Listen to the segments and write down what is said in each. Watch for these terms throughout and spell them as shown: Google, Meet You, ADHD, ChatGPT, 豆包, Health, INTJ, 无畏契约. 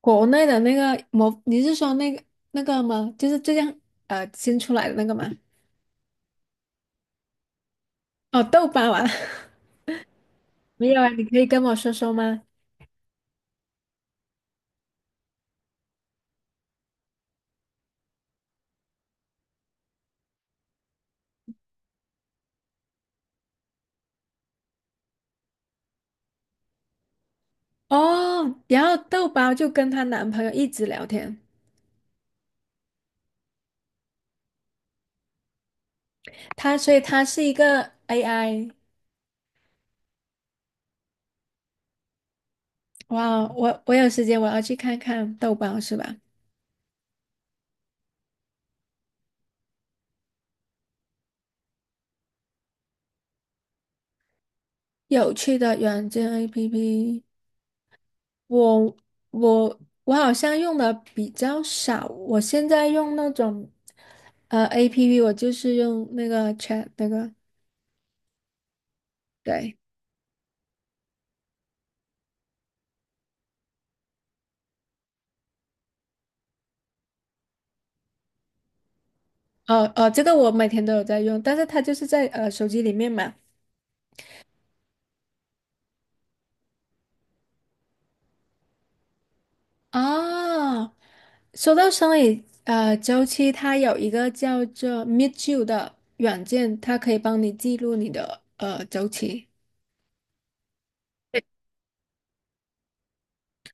国内的那个模，你是说那个吗？就是最近新出来的那个吗？哦，豆包啊，没有啊，你可以跟我说说吗？哦，然后豆包就跟她男朋友一直聊天，所以她是一个 AI。哇，我有时间我要去看看豆包是吧？有趣的软件 APP,我我好像用的比较少，我现在用那种APP,我就是用那个 Chat 那个。对，哦哦，这个我每天都有在用，但是它就是在手机里面嘛。哦，说到生理周期，它有一个叫做 Meet You 的软件，它可以帮你记录你的周期。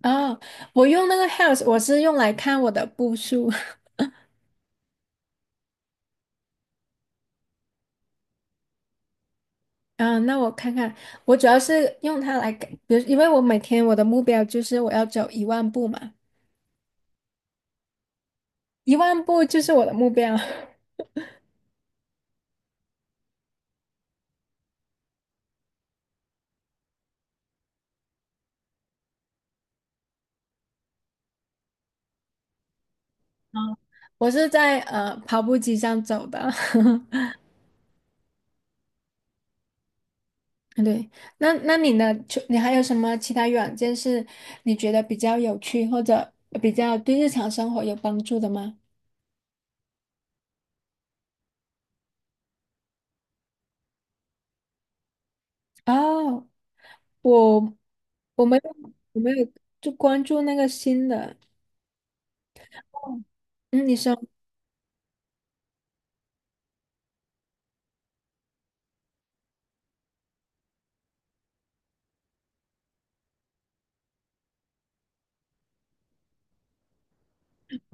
哦，我用那个 Health,我是用来看我的步数。嗯，那我看看，我主要是用它来给，比如，因为我每天我的目标就是我要走一万步嘛，一万步就是我的目标。我是在跑步机上走的。对，那那你呢？除你还有什么其他软件是你觉得比较有趣或者比较对日常生活有帮助的吗？哦，我我没有我没有就关注那个新的。嗯，你说，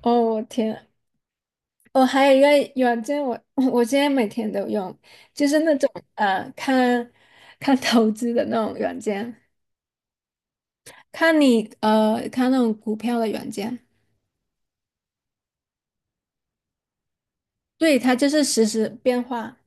哦，我天，我还有一个软件我，我现在每天都用，就是那种呃，看看投资的那种软件，看你，看那种股票的软件。对，它就是实时变化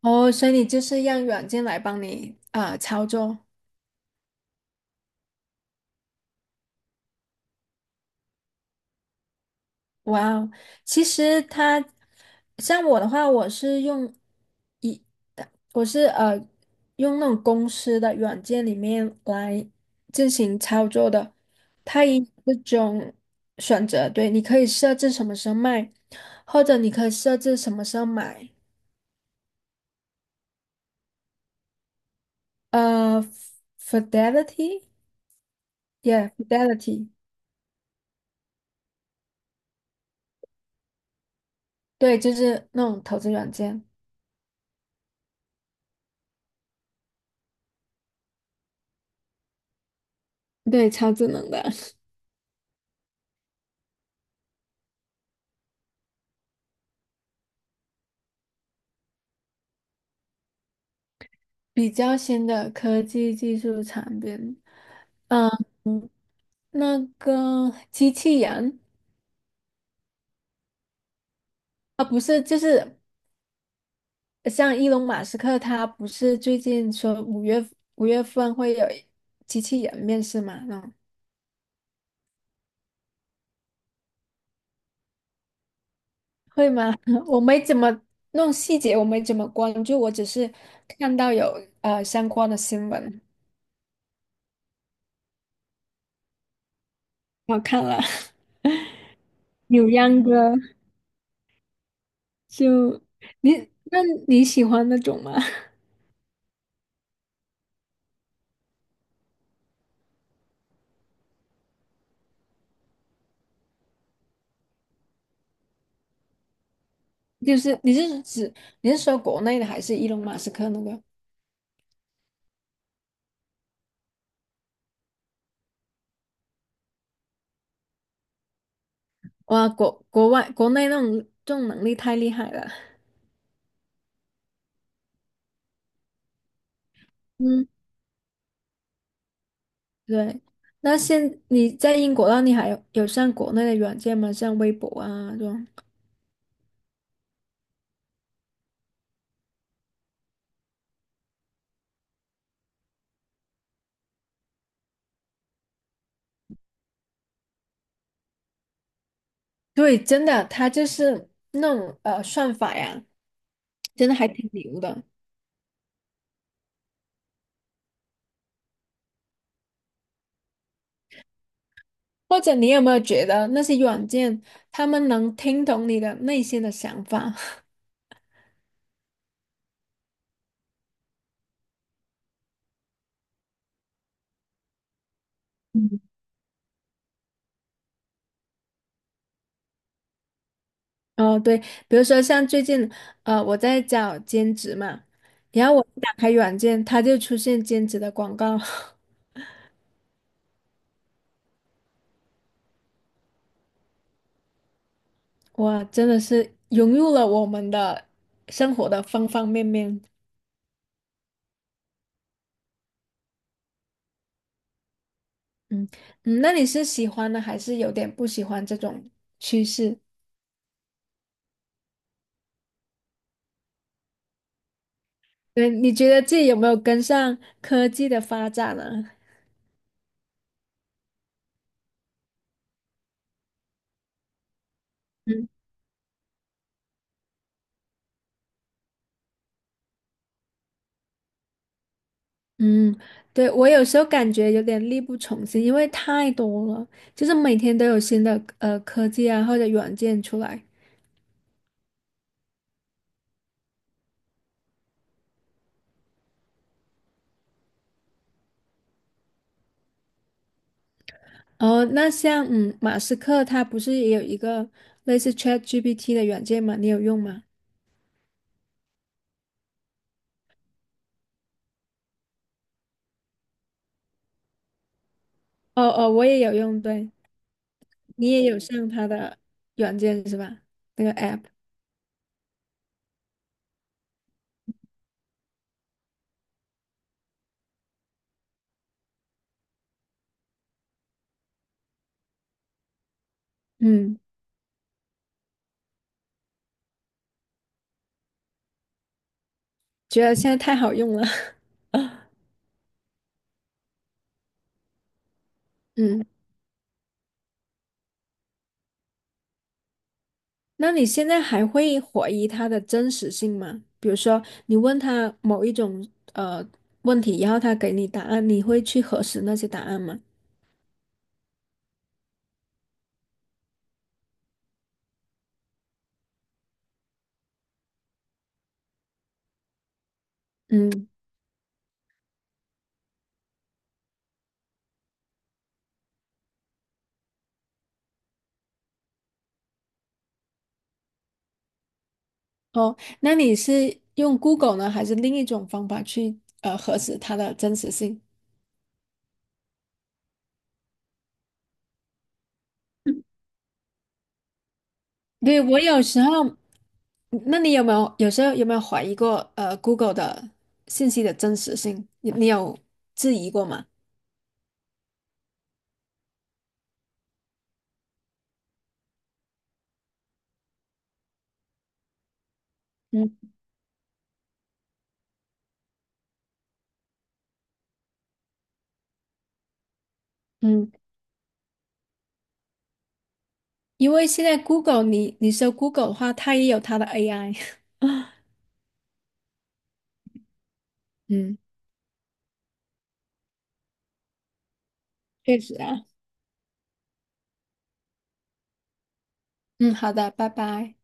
哦，所以你就是让软件来帮你啊、操作。哇哦，其实它像我的话，我是用一，我是用那种公司的软件里面来进行操作的。它也有这种选择，对，你可以设置什么时候卖，或者你可以设置什么时候买。呃，Fidelity，yeah，Fidelity。对，就是那种投资软件，对，超智能的。比较新的科技技术产品。嗯，那个机器人啊，不是，就是像伊隆马斯克，他不是最近说五月份会有机器人面试嘛？嗯，会吗？我没怎么弄细节，我没怎么关注，我只是看到有相关的新闻。我看了，扭秧歌就你，那你喜欢那种吗？就是你是说国内的还是伊隆马斯克那个？哇，国外国内那种这种能力太厉害了。嗯，对。那现你在英国那你还有有上国内的软件吗？像微博啊这种？对，真的，他就是那种算法呀，真的还挺牛的。或者你有没有觉得那些软件，他们能听懂你的内心的想法？哦，对，比如说像最近，呃，我在找兼职嘛，然后我一打开软件，它就出现兼职的广告，哇，真的是融入了我们的生活的方方面面。嗯嗯，那你是喜欢呢，还是有点不喜欢这种趋势？对，你觉得自己有没有跟上科技的发展呢？嗯嗯，对，我有时候感觉有点力不从心，因为太多了，就是每天都有新的科技啊或者软件出来。哦，那像嗯，马斯克他不是也有一个类似 ChatGPT 的软件吗？你有用吗？哦哦，我也有用，对，你也有上他的软件是吧？那个 app,嗯，觉得现在太好用了。嗯，那你现在还会怀疑它的真实性吗？比如说，你问他某一种呃问题，然后他给你答案，你会去核实那些答案吗？嗯。哦，那你是用 Google 呢，还是另一种方法去核实它的真实性？对，我有时候，那你有没有怀疑过Google 的信息的真实性？你有质疑过吗？嗯嗯，因为现在 Google 你搜 Google 的话，它也有它的 AI。嗯，确实啊。嗯，好的，拜拜。